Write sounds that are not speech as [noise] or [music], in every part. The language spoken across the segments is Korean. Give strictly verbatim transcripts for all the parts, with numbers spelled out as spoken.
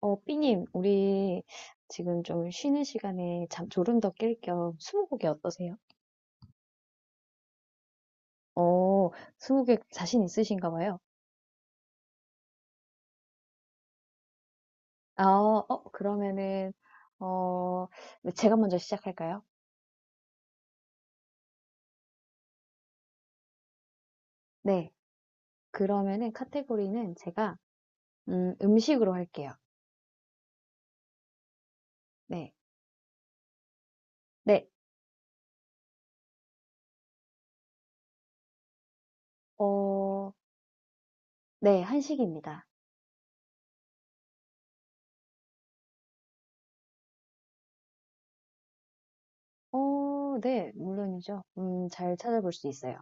어, 삐님, 우리 지금 좀 쉬는 시간에 잠 졸음 더 깰 겸 스무고개 어떠세요? 어, 스무고개 자신 있으신가 봐요. 아, 어, 그러면은, 어, 네, 제가 먼저 시작할까요? 네. 그러면은 카테고리는 제가, 음, 음식으로 할게요. 네. 네. 어, 네. 한식입니다. 어, 네. 물론이죠. 음, 잘 찾아볼 수 있어요.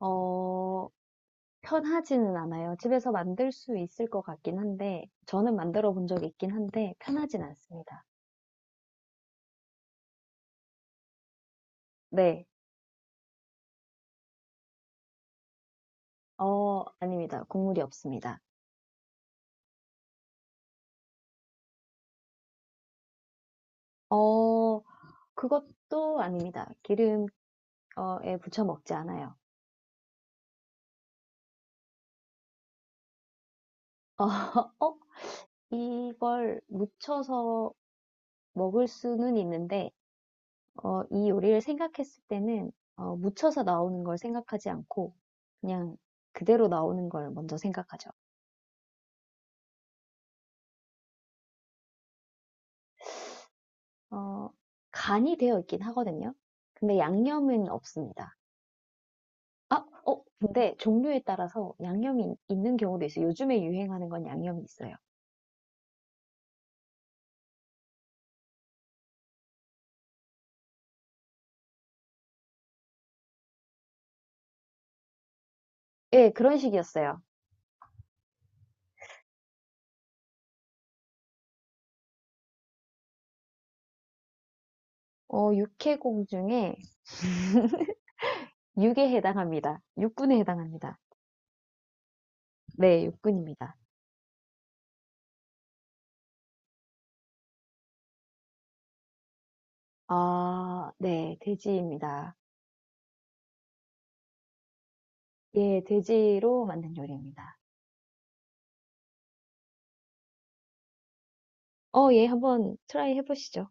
어, 편하지는 않아요. 집에서 만들 수 있을 것 같긴 한데 저는 만들어 본 적이 있긴 한데 편하진 않습니다. 네. 어, 아닙니다. 국물이 없습니다. 어, 그것도 아닙니다. 기름, 어, 에 부쳐 먹지 않아요. 어, [laughs] 어? 이걸 무쳐서 먹을 수는 있는데 어, 이 요리를 생각했을 때는 어, 무쳐서 나오는 걸 생각하지 않고 그냥 그대로 나오는 걸 먼저 생각하죠. 어, 간이 되어 있긴 하거든요. 근데 양념은 없습니다. 아, 어, 근데 종류에 따라서 양념이 있- 있는 경우도 있어요. 요즘에 유행하는 건 양념이 있어요. 예, 그런 식이었어요. 어, 육해공 중에 [laughs] 육에 해당합니다. 육군에 해당합니다. 네, 육군입니다. 아, 네, 돼지입니다. 예, 돼지로 만든 요리입니다. 어, 예, 한번 트라이 해보시죠.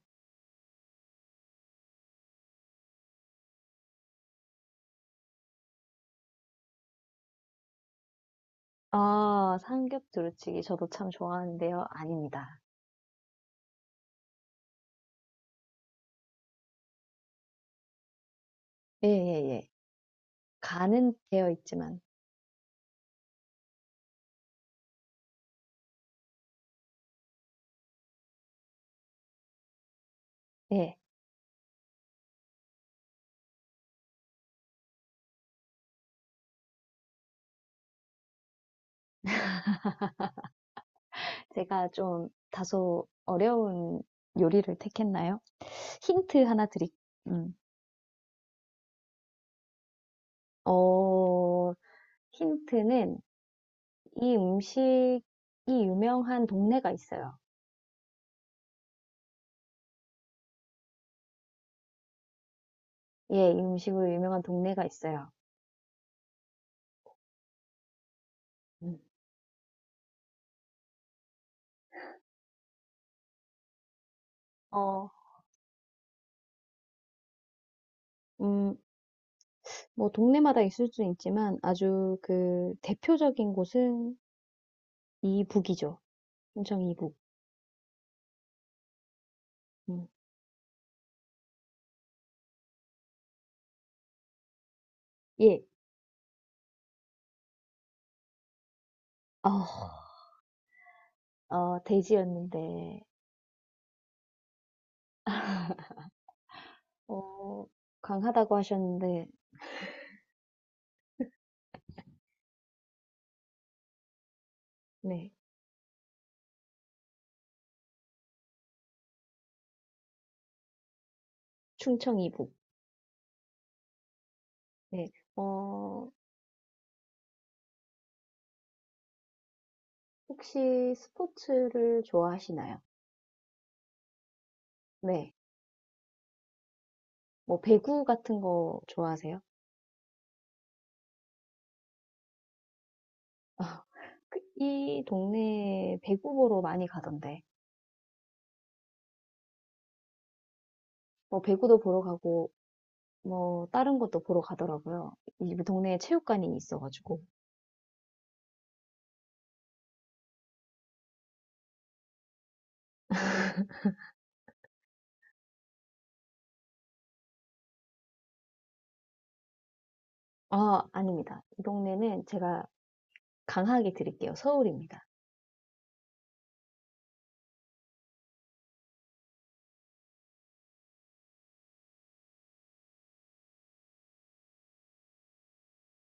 아, 삼겹 두루치기 저도 참 좋아하는데요. 아닙니다. 예, 예, 예. 간은 되어 있지만, 네. 제가 좀 다소 어려운 요리를 택했나요? 힌트 하나 드릴, 음. 어, 힌트는 이 음식이 유명한 동네가 있어요. 예, 이 음식으로 유명한 동네가 있어요. 음. 어, 음, 뭐 동네마다 있을 수는 있지만 아주 그 대표적인 곳은 이북이죠. 충청 이북. 음. 예. 어, 어, 돼지였는데 어, 강하다고 하셨는데, 네, 충청 이북. 네, 어, 혹시 스포츠를 좋아하시나요? 네, 뭐 배구 같은 거 좋아하세요? 아, 그이 동네에 배구 보러 많이 가던데, 뭐 배구도 보러 가고, 뭐 다른 것도 보러 가더라고요. 이 동네에 체육관이 있어가지고. 아, 아닙니다. 이 동네는 제가 강하게 드릴게요. 서울입니다.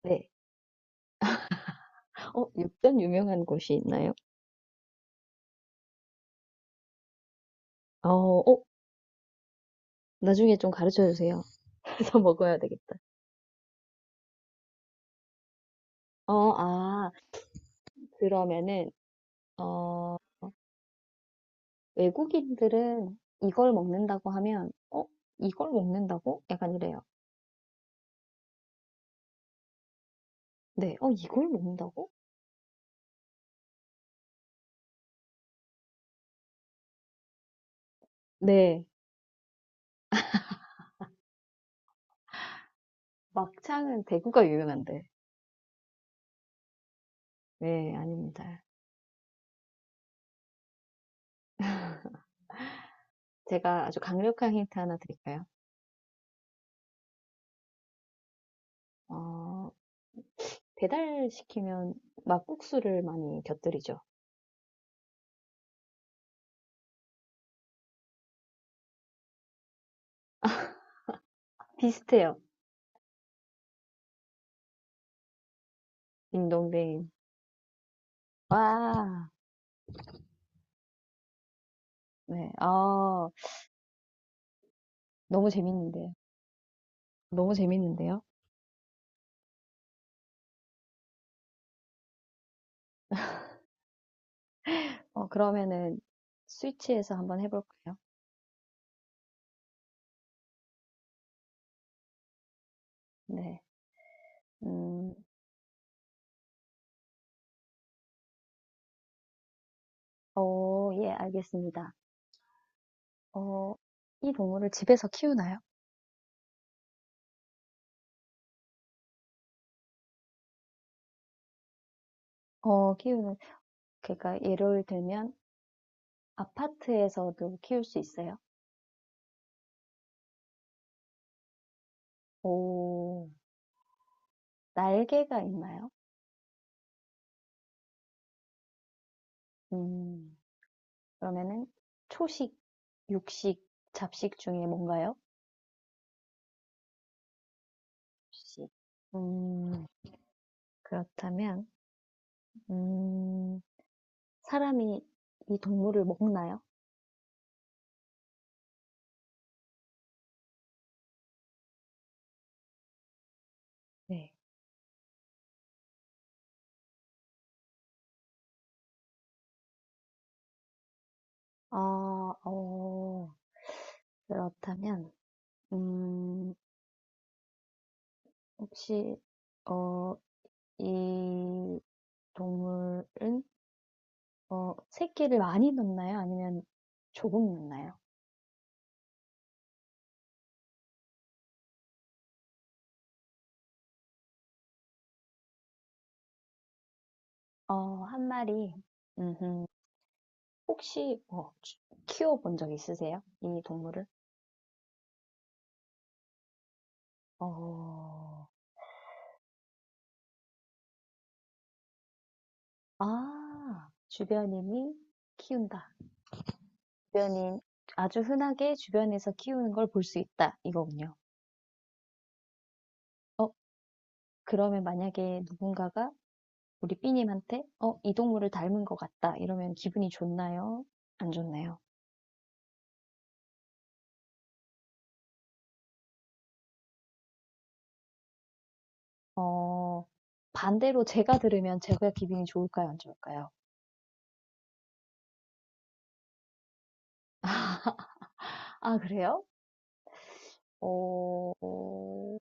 네. 어, 육전 유명한 곳이 있나요? 어, 어, 나중에 좀 가르쳐 주세요. 더 먹어야 되겠다. 어, 아, 그러면은, 어, 외국인들은 이걸 먹는다고 하면, 어, 이걸 먹는다고? 약간 이래요. 네, 어, 이걸 먹는다고? 네, 막창은 대구가 유명한데. 네, 아닙니다. 제가 아주 강력한 힌트 하나 드릴까요? 어, 배달시키면 막국수를 많이 곁들이죠. 비슷해요. 딩동댕. 와, 네, 아 너무 재밌는데요. 너무 재밌는데요? 어, 그러면은 스위치에서 한번 해볼까요? 네. 음, 어, 예, 알겠습니다. 어, 이 동물을 집에서 키우나요? 어, 키우는, 그러니까 예를 들면 아파트에서도 키울 수 있어요. 오, 날개가 있나요? 음, 그러면은 초식, 육식, 잡식 중에 뭔가요? 혹식 음, 그렇다면, 음, 사람이 이 동물을 먹나요? 네. 아, 어, 그렇다면, 음, 혹시, 어, 이 동물은, 어, 새끼를 많이 낳나요? 아니면 조금 낳나요? 어, 한 마리. 음, 혹시, 어, 주- 키워본 적 있으세요? 이 동물을? 어, 아, 주변인이 키운다. 주변인, 아주 흔하게 주변에서 키우는 걸 볼 수 있다. 이거군요. 어, 그러면 만약에 누군가가 우리 삐님한테 어, 이 동물을 닮은 것 같다 이러면 기분이 좋나요? 안 좋나요? 어, 반대로 제가 들으면 제가 기분이 좋을까요? 안 좋을까요? 아, 그래요? 어, 어,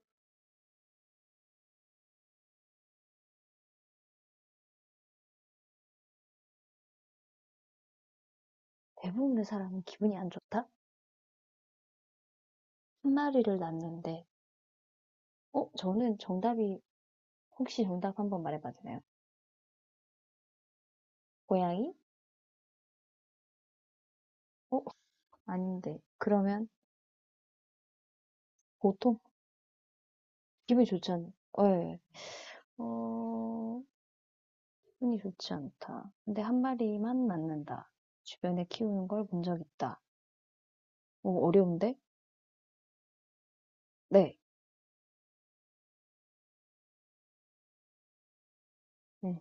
대부분의 사람은 기분이 안 좋다? 한 마리를 낳는데, 어, 저는 정답이, 혹시 정답 한번 말해봐도 되나요? 고양이? 어, 아닌데. 그러면 보통 기분이 좋잖아요. 네. 어, 흔히 좋지 않다. 근데 한 마리만 낳는다. 주변에 키우는 걸 본 적 있다. 오, 어려운데? 네. 네.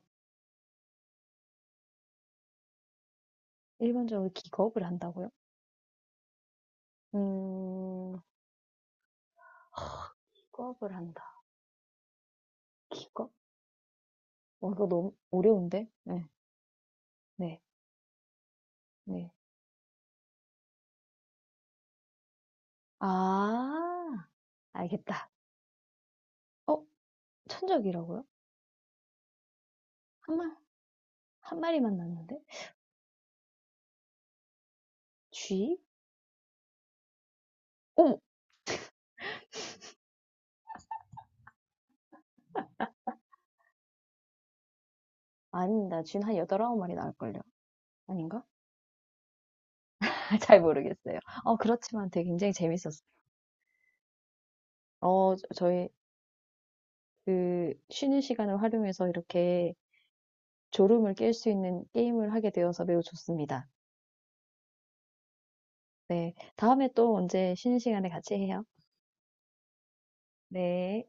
일반적으로 기겁을 한다고요? 음, 기겁을 한다. 기겁? 어, 이거 너무 어려운데? 네. 네. 네. 아, 알겠다. 어, 천적이라고요? 한 마, 한 마리만 낳는데? 쥐? 어머! 아니다. 쥐는 한 여덟, 아홉 마리 낳을걸요? 아닌가? [laughs] 잘 모르겠어요. 어, 그렇지만 되게 굉장히 재밌었어요. 어, 저- 저희 그 쉬는 시간을 활용해서 이렇게 졸음을 깰 수 있는 게임을 하게 되어서 매우 좋습니다. 네. 다음에 또 언제 쉬는 시간에 같이 해요. 네.